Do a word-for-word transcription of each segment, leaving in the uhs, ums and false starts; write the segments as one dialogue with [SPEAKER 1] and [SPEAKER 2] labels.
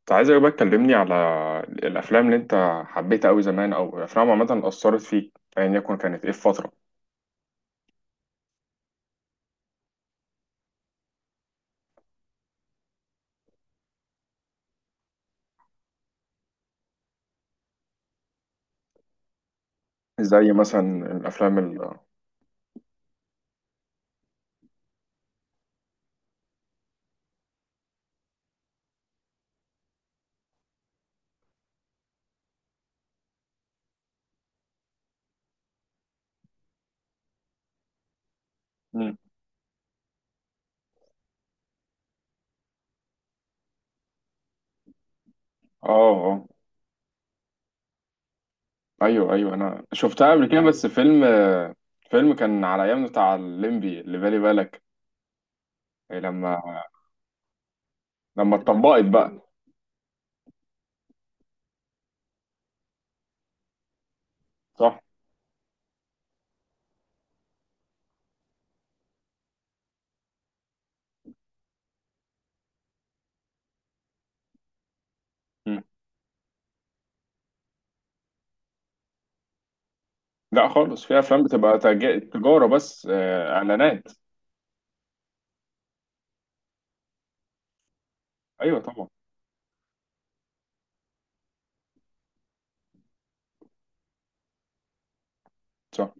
[SPEAKER 1] كنت عايزك بقى تكلمني على الأفلام اللي أنت حبيتها أوي زمان، أو الأفلام عامة أثرت فيك أيا يكن، كانت إيه في فترة زي مثلا. الأفلام ال مم. آه. آه، أيوه أيوه، أنا شفتها قبل كده، بس فيلم فيلم كان على أيام بتاع الليمبي، اللي بالي بالك إيه، لما لما اتطبقت بقى. صح؟ مم. لا خالص، في أفلام بتبقى تج- تجارة بس، آه، إعلانات. أيوه طبعا. صح.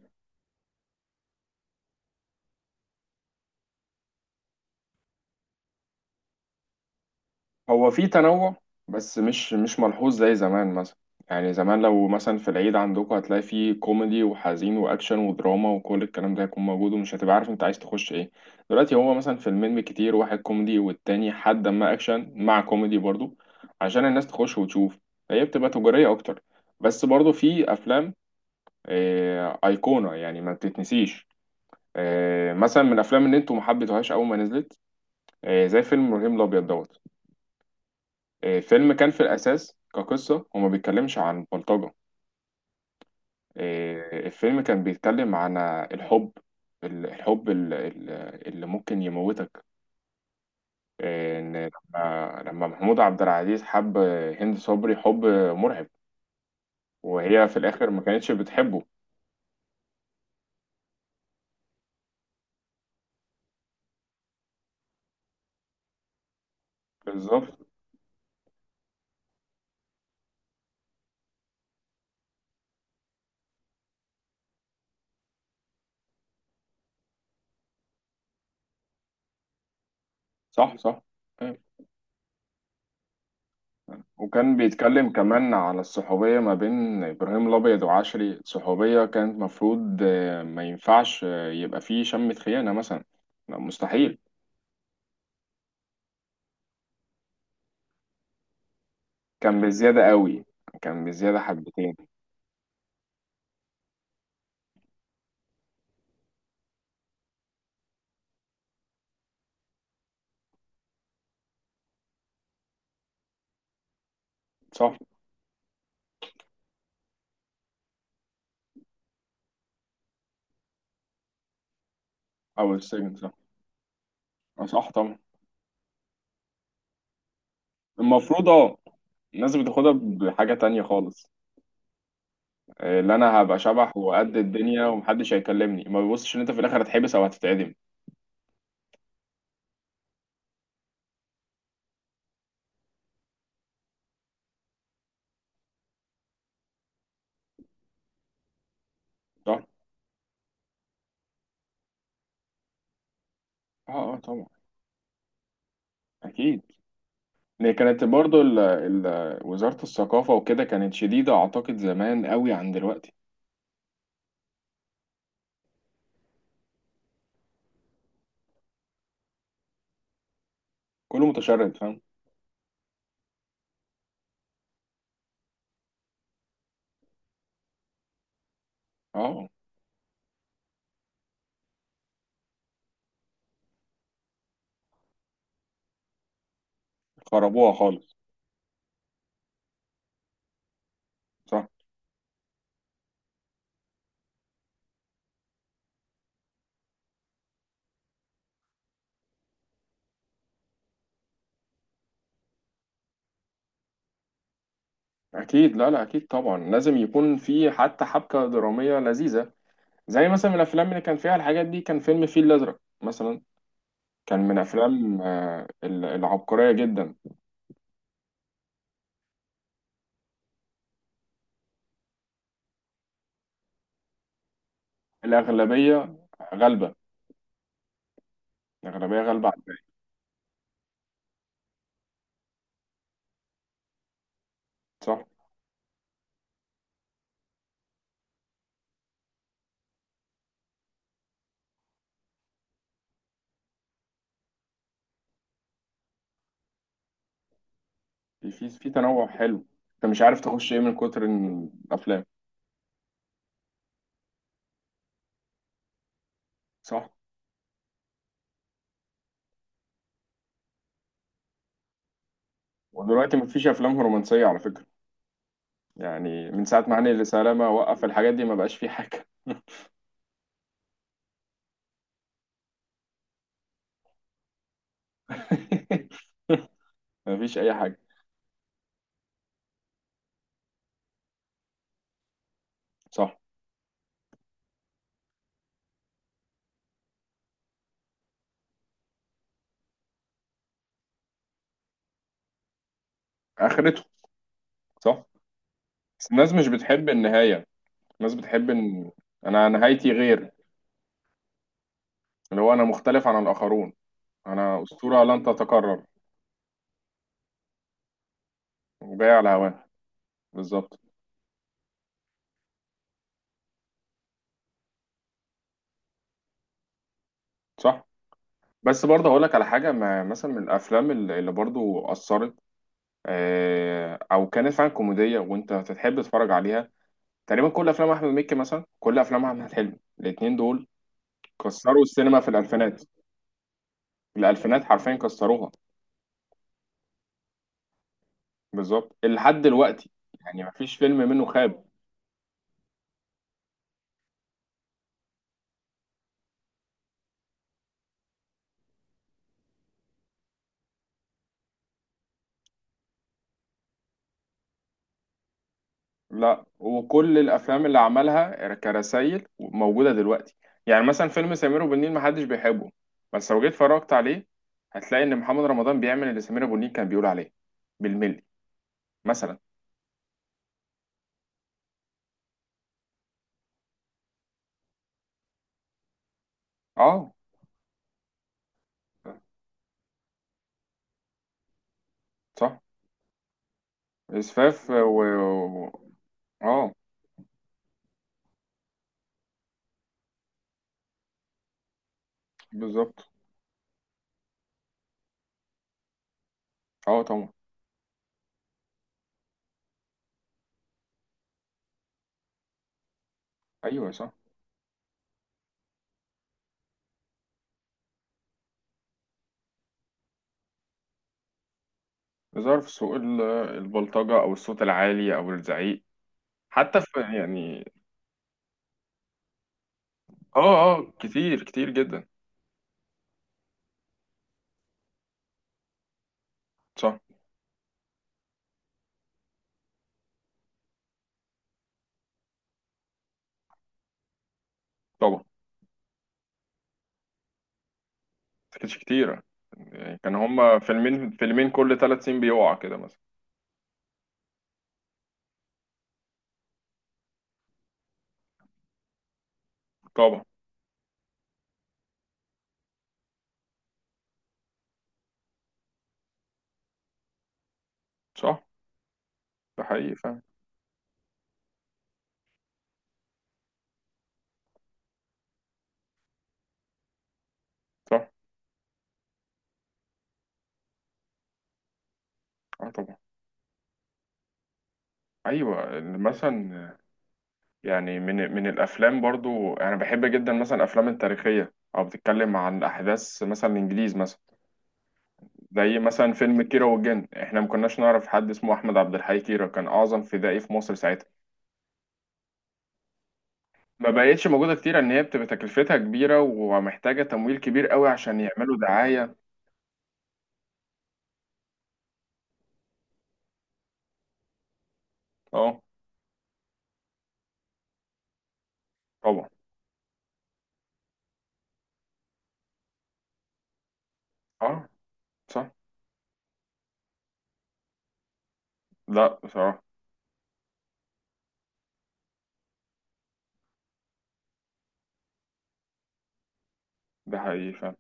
[SPEAKER 1] هو في تنوع، بس مش مش ملحوظ زي زمان مثلا. يعني زمان لو مثلا في العيد عندكم، هتلاقي فيه كوميدي وحزين واكشن ودراما وكل الكلام ده هيكون موجود، ومش هتبقى عارف انت عايز تخش ايه. دلوقتي هو مثلا فيلمين بالكتير، واحد كوميدي والتاني حد ما اكشن مع كوميدي برضو، عشان الناس تخش وتشوف. هي بتبقى تجارية اكتر، بس برضو في افلام آه، ايقونة يعني، ما بتتنسيش. آه، مثلا من الافلام اللي انتوا ما حبيتوهاش اول ما نزلت، آه، زي فيلم ابراهيم الابيض دوت. آه، الفيلم كان في الأساس كقصة هو ما بيتكلمش عن بلطجة. إيه، الفيلم كان بيتكلم عن الحب ال- الحب ال- ال- اللي ممكن يموتك. إيه، إن لما لما محمود عبد العزيز حب هند صبري، حب مرعب، وهي في الآخر ما كانتش بتحبه. بالظبط. صح، صح. إيه. وكان بيتكلم كمان على الصحوبية ما بين إبراهيم الأبيض وعشري، صحوبية كانت مفروض آه، ما ينفعش آه، يبقى فيه شمة خيانة مثلا، مستحيل. كان بزيادة قوي، كان بزيادة حبتين. صح. أو السجن، صح. أه، صح طبعا. المفروض أه. الناس بتاخدها بحاجة تانية خالص. آه، اللي أنا هبقى شبح وقد الدنيا ومحدش هيكلمني، ما بيبصش إن أنت في الآخر هتحبس أو هتتعدم. صح؟ أه أه طبعا. أكيد. هي كانت برضو ال ال وزارة الثقافة وكده كانت شديدة أعتقد زمان قوي عن دلوقتي. كله متشرد، فاهم؟ أه، خربوها خالص. صح. أكيد. لا لا، أكيد طبعا، لازم يكون في حتى حبكة درامية لذيذة. زي مثلا من الافلام اللي كان فيها الحاجات دي، كان فيلم الفيل الازرق مثلا، كان من افلام آه، ال- العبقريه جدا. الاغلبيه غالبه، الاغلبيه غالبه على الباقي. صح. في في في تنوع حلو، انت مش عارف تخش ايه من كتر إن الافلام. صح. ودلوقتي مفيش افلام رومانسيه على فكره، يعني من ساعه ما هاني سلامه وقف الحاجات دي، ما بقاش في حاجه. مفيش اي حاجه. صح. اخرته. صح. بس الناس مش بتحب النهايه، الناس بتحب ان انا نهايتي غير، اللي هو انا مختلف عن الاخرون، انا اسطوره لن تتكرر. وجاي على هواها. بالظبط. صح. بس برضه هقول لك على حاجه، ما مثلا من الافلام اللي اللي برضه اثرت، آه، او كانت فعلا كوميديه وانت تحب تتفرج عليها، تقريبا كل افلام احمد مكي مثلا، كل افلام احمد حلمي، الاثنين دول كسروا السينما في الالفينات. الالفينات حرفيا كسروها. بالظبط. لحد دلوقتي، يعني مفيش فيلم منه خاب. لا، وكل الافلام اللي عملها كرسائل موجوده دلوقتي، يعني مثلا فيلم سمير وبنين ما محدش بيحبه، بس لو جيت اتفرجت عليه، هتلاقي ان محمد رمضان بيعمل اللي سمير ابو النيل كان بيقول عليه بالملي مثلا. اه. صح. اسفاف و و- اه. بالظبط. اه طبعا. ايوه صح، ظهر في سوق ال- البلطجه، او الصوت العالي، او الزعيق حتى، في يعني. اه اه، كتير كتير جدا. صح طبعا. ما كانتش كتيرة، يعني كان هما فيلمين فيلمين كل ثلاث سنين بيقع كده مثلا. طبعا. صح. ده حقيقي فعلا. صح. اه طبعا. ايوه، إن مثلا، يعني من من الافلام برضو انا بحب جدا مثلا الافلام التاريخيه، او بتتكلم عن احداث مثلا الانجليز مثلا. زي مثلا فيلم كيرة والجن، احنا ما كناش نعرف حد اسمه احمد عبد الحي كيرة، كان اعظم فدائي في مصر ساعتها. ما بقتش موجوده كتير، ان هي بتبقى تكلفتها كبيره ومحتاجه تمويل كبير قوي عشان يعملوا دعايه. اه طبعا. اه، صح. لا بصراحة. ده حقيقي فعلا.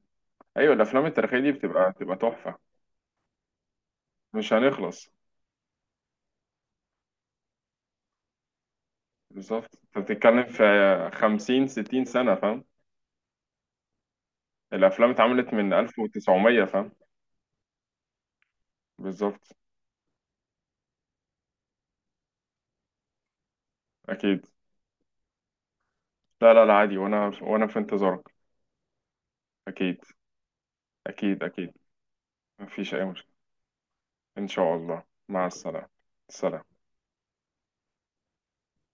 [SPEAKER 1] أيوة، الأفلام التاريخية دي بتبقى بتبقى تحفة. مش هنخلص. بالظبط، أنت بتتكلم في خمسين ستين سنة، فاهم؟ الأفلام اتعملت من ألف وتسعمية، فاهم؟ بالظبط. أكيد. لا لا لا، عادي، وأنا وأنا في انتظارك. أكيد. أكيد أكيد. مفيش أي مشكلة. إن شاء الله، مع السلامة. سلام.